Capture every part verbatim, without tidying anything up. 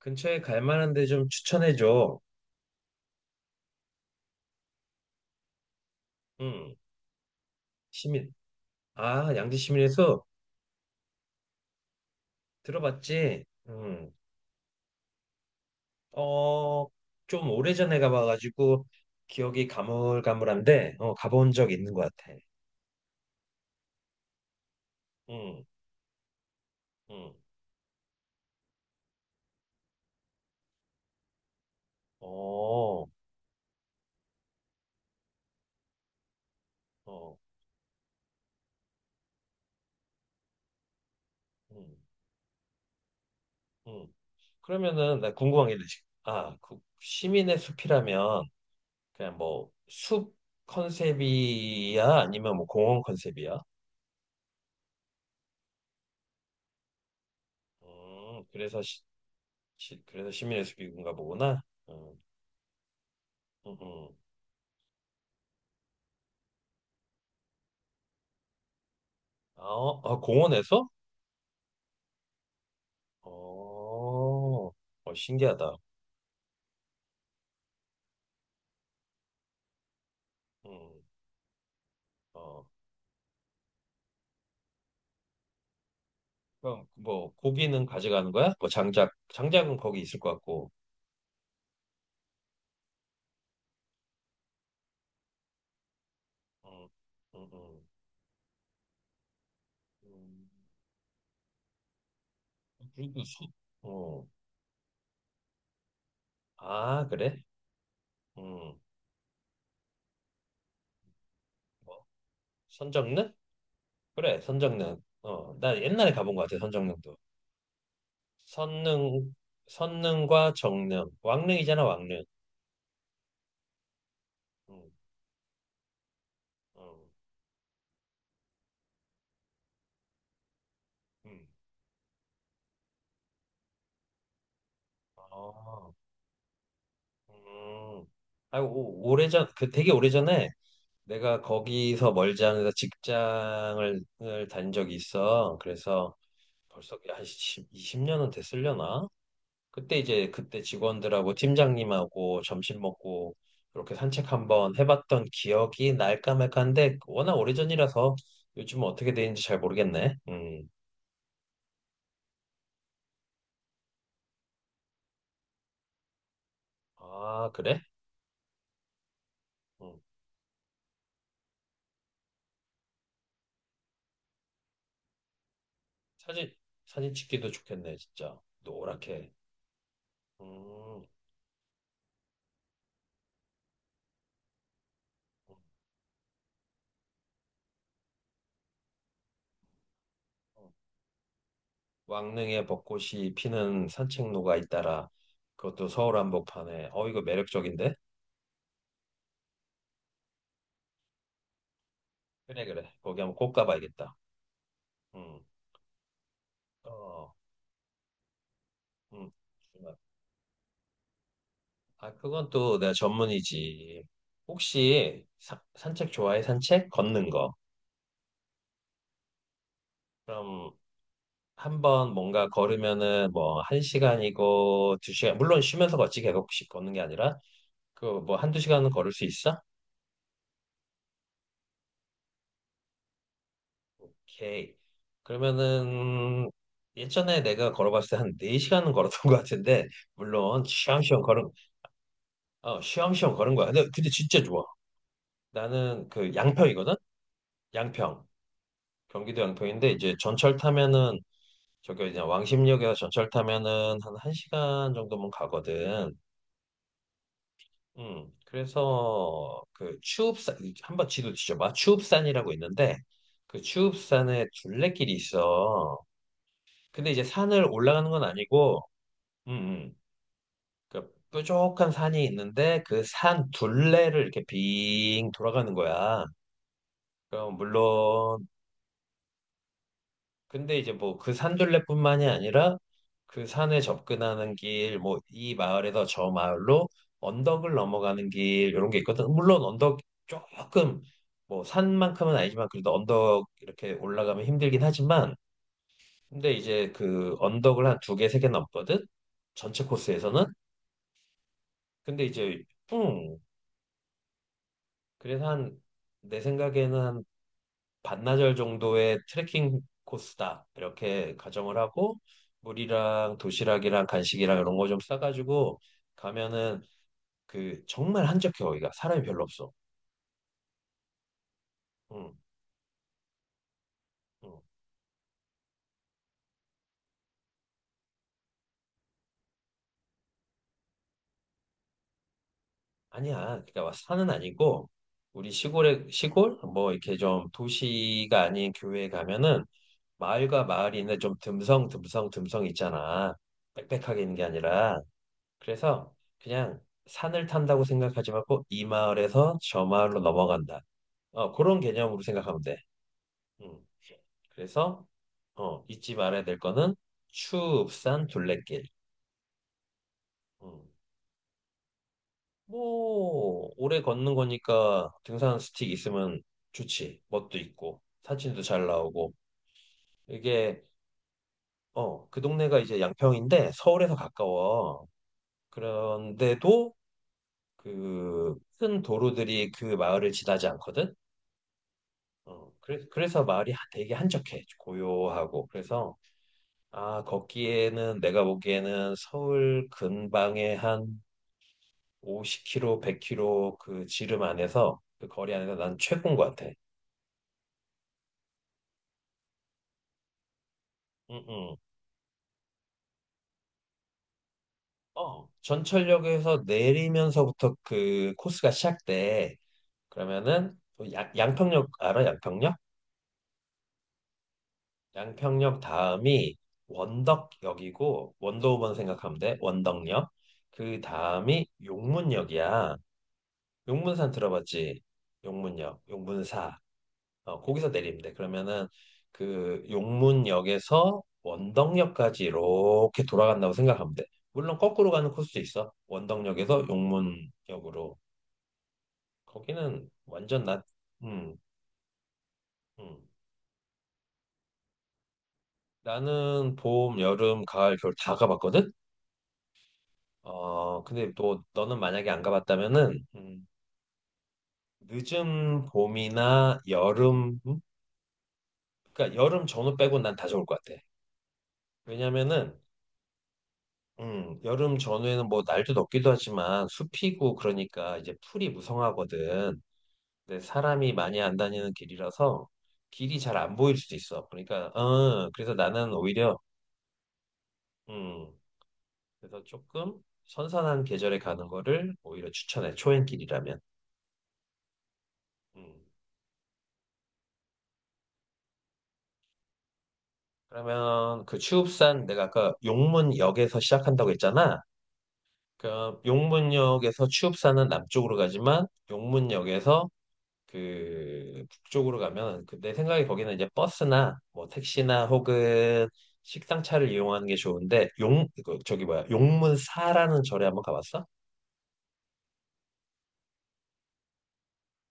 근처에 갈 만한 데 좀 추천해 줘. 음, 시민. 아, 양지 시민에서 들어봤지? 음. 어, 좀 오래전에 가봐가지고 기억이 가물가물한데 어, 가본 적 있는 것 같아. 음, 음. 어, 어, 음, 음. 그러면은 나 궁금한 게 있지. 아, 그 시민의 숲이라면 그냥 뭐 숲 컨셉이야? 아니면 뭐 공원 컨셉이야? 음, 그래서 시- 시- 그래서 시민해수기군가 보구나. 음, 음, 음. 아, 어, 아, 공원에서? 어, 어, 신기하다. 음, 어, 그럼 뭐 고기는 가져가는 거야? 뭐 장작, 장작은 거기 있을 것 같고. 음, 음, 음, 음. 그리고 소, 어, 아, 그래? 음, 뭐 선정릉? 그래, 선정릉. 어, 나 옛날에 가본 것 같아, 선정릉도. 선릉, 선릉과 정릉, 왕릉이잖아, 왕릉. 음, 음, 음. 아, 음. 아 오- 오래전, 그 되게 오래전에 내가 거기서 멀지 않은 데서 직장을 을단 적이 있어. 그래서 벌써 한 십, 이십 년은 됐으려나? 그때 이제 그때 직원들하고 팀장님하고 점심 먹고 이렇게 산책 한번 해봤던 기억이 날까 말까한데 워낙 오래전이라서 요즘은 어떻게 되는지 잘 모르겠네. 음. 아, 그래? 음. 사진, 사진 찍기도 좋겠네, 진짜. 노랗게. 음. 왕릉에 벚꽃이 피는 산책로가 잇따라 그것도 서울 한복판에 어 이거 매력적인데? 그래 그래 거기 한번 꼭 가봐야겠다. 음. 어. 음. 아 그건 또 내가 전문이지. 혹시 사- 산책 좋아해? 산책? 걷는 거. 그럼 한번 뭔가 걸으면은 뭐 한 시간이고 두 시간 물론 쉬면서 걷지 계속 걷는 게 아니라 그 뭐 한두 시간은 걸을 수 있어? 오케이. 그러면은 예전에 내가 걸어봤을 때 한 네 시간은 걸었던 것 같은데 물론 쉬엄쉬엄 걸은 어 쉬엄쉬엄 걸은 거야. 근데 근데 진짜 좋아. 나는 그 양평이거든. 양평. 경기도 양평인데 이제 전철 타면은 저기 그냥 왕십리역에서 전철 타면은 한 1시간 정도면 가거든. 음. 그래서 그 추읍산 한번 지도 뒤져봐. 추읍산이라고 있는데 그 추읍산에 둘레길이 있어. 근데 이제 산을 올라가는 건 아니고 음, 음. 그러니까 뾰족한 산이 있는데 그 산 둘레를 이렇게 빙 돌아가는 거야. 그럼 물론 근데 이제 뭐 그 산 둘레뿐만이 아니라 그 산에 접근하는 길, 뭐 이 마을에서 저 마을로 언덕을 넘어가는 길 이런 게 있거든. 물론 언덕 조금 뭐 산만큼은 아니지만 그래도 언덕 이렇게 올라가면 힘들긴 하지만 근데 이제 그 언덕을 한 두 개, 세 개 넘거든. 전체 코스에서는. 근데 이제 그래서 한 내 생각에는 한 반나절 정도의 트레킹 코스다 이렇게 가정을 하고 물이랑 도시락이랑 간식이랑 이런 거 좀 싸가지고 가면은 그 정말 한적해 거기가 사람이 별로 없어. 응, 응. 아니야. 그러니까 산은 아니고 우리 시골에 시골 뭐 이렇게 좀 도시가 아닌 교외에 가면은 마을과 마을이 있는데 좀 듬성 듬성 듬성 있잖아. 빽빽하게 있는 게 아니라 그래서 그냥 산을 탄다고 생각하지 말고 이 마을에서 저 마을로 넘어간다. 어, 그런 개념으로 생각하면 돼. 음. 그래서 어, 잊지 말아야 될 거는 추읍산 둘레길. 음. 뭐 오래 걷는 거니까 등산 스틱 있으면 좋지. 멋도 있고 사진도 잘 나오고 이게 어, 그 동네가 이제 양평인데 서울에서 가까워. 그런데도 그 큰 도로들이 그 마을을 지나지 않거든. 어, 그래서, 그래서 마을이 하- 되게 한적해, 고요하고. 그래서, 아, 걷기에는 내가 보기에는 서울 근방에 한 오십 킬로미터, 백 킬로미터 그 지름 안에서, 그 거리 안에서 난 최고인 것 같아. 응, 응. 어, 전철역에서 내리면서부터 그 코스가 시작돼. 그러면은, 또 양, 양평역, 알아? 양평역? 양평역 다음이 원덕역이고, 원도우번 생각하면 돼. 원덕역. 그 다음이 용문역이야. 용문산 들어봤지? 용문역, 용문사. 어, 거기서 내리면 돼. 그러면은 그 용문역에서 원덕역까지 이렇게 돌아간다고 생각하면 돼. 물론 거꾸로 가는 코스도 있어. 원덕역에서 용문역으로. 거기는 완전 나, 음, 음. 나는 봄, 여름, 가을, 겨울 다 가봤거든? 어, 근데 또 너는 만약에 안 가봤다면은, 음, 늦은 봄이나 여름, 음? 그러니까 여름 전후 빼고 난 다 좋을 것 같아. 왜냐면은 음, 여름 전후에는 뭐 날도 덥기도 하지만 숲이고 그러니까 이제 풀이 무성하거든. 근데 사람이 많이 안 다니는 길이라서 길이 잘 안 보일 수도 있어. 그러니까, 어, 그래서 나는 오히려, 음, 그래서 조금 선선한 계절에 가는 거를 오히려 추천해. 초행길이라면. 음. 그러면 그 추읍산 내가 아까 용문역에서 시작한다고 했잖아. 그 용문역에서 추읍산은 남쪽으로 가지만 용문역에서 그 북쪽으로 가면 그 내 생각에 거기는 이제 버스나 뭐 택시나 혹은 식상차를 이용하는 게 좋은데 용 그 저기 뭐야 용문사라는 절에 한번 가봤어?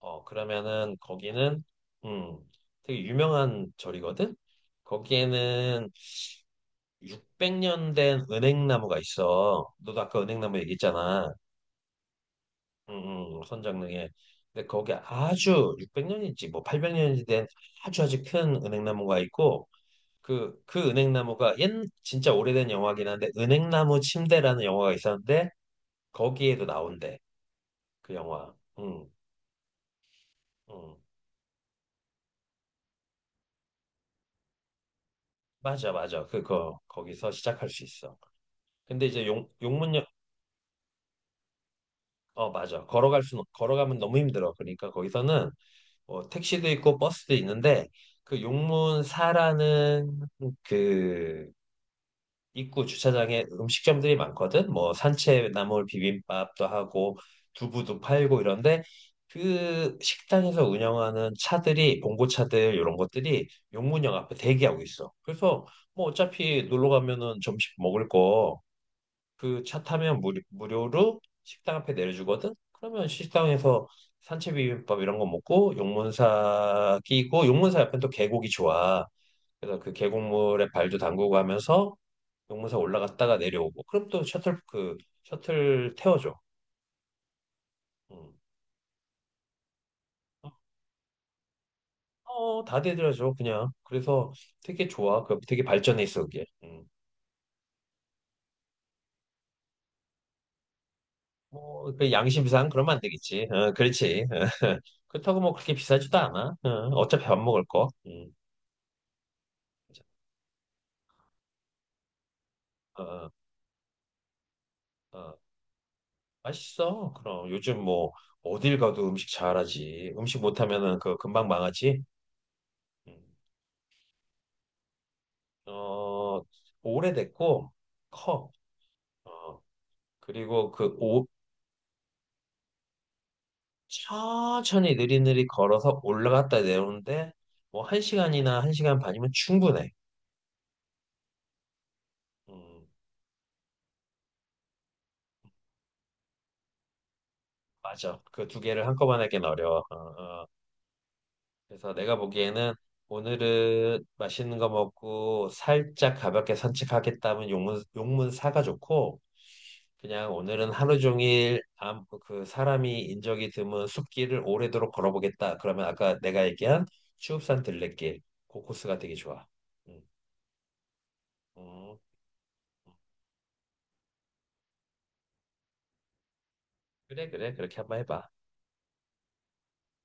어 그러면은 거기는 음 되게 유명한 절이거든. 거기에는 육백 년 된 은행나무가 있어. 너도 아까 은행나무 얘기했잖아. 음, 음, 선장릉에. 근데 거기 아주 육백 년인지 뭐 팔백 년인지 된 아주 아주 큰 은행나무가 있고 그, 그 은행나무가 옛, 진짜 오래된 영화긴 한데, 은행나무 침대라는 영화가 있었는데, 거기에도 나온대, 그 영화. 응, 응. 맞아, 맞아. 그거, 거기서 시작할 수 있어. 근데 이제 용, 용문역, 어, 맞아. 걸어갈 수, 걸어가면 너무 힘들어. 그러니까 거기서는 뭐 택시도 있고 버스도 있는데, 그 용문사라는 그 입구 주차장에 음식점들이 많거든. 뭐 산채나물 비빔밥도 하고 두부도 팔고 이런데 그 식당에서 운영하는 차들이 봉고차들 이런 것들이 용문역 앞에 대기하고 있어. 그래서 뭐 어차피 놀러 가면은 점심 먹을 거 그 차 타면 무료, 무료로 식당 앞에 내려주거든. 그러면 식당에서 산채 비빔밥 이런 거 먹고 용문사 끼고 용문사 옆엔 또 계곡이 좋아. 그래서 그 계곡물에 발도 담그고 하면서 용문사 올라갔다가 내려오고 그럼 또 셔틀 그 셔틀 태워줘. 음. 어, 다 대드려줘 그냥. 그래서 되게 좋아. 그 되게 발전해 있어 그게. 음. 뭐, 그 양심상 그러면 안 되겠지. 어, 그렇지. 어, 그렇다고 뭐 그렇게 비싸지도 않아. 어, 어차피 밥 먹을 거. 음. 어, 어, 맛있어. 그럼 요즘 뭐 어딜 가도 음식 잘하지. 음식 못하면은 그 금방 망하지. 음. 어, 오래됐고 커. 어, 그리고 그 오, 천천히 느리느리 걸어서 올라갔다 내오는데 뭐 한 시간이나 한 시간 반이면 충분해. 음, 맞아. 그 두 개를 한꺼번에 하긴 어려워. 어, 어. 그래서 내가 보기에는 오늘은 맛있는 거 먹고 살짝 가볍게 산책하겠다면 용문 용문 사가 좋고 그냥 오늘은 하루 종일 아무- 그 사람이 인적이 드문 숲길을 오래도록 걸어보겠다. 그러면 아까 내가 얘기한 추읍산 들레길 그 코스가 되게 좋아. 음, 음. 그래, 그래. 그렇게 한번 해봐.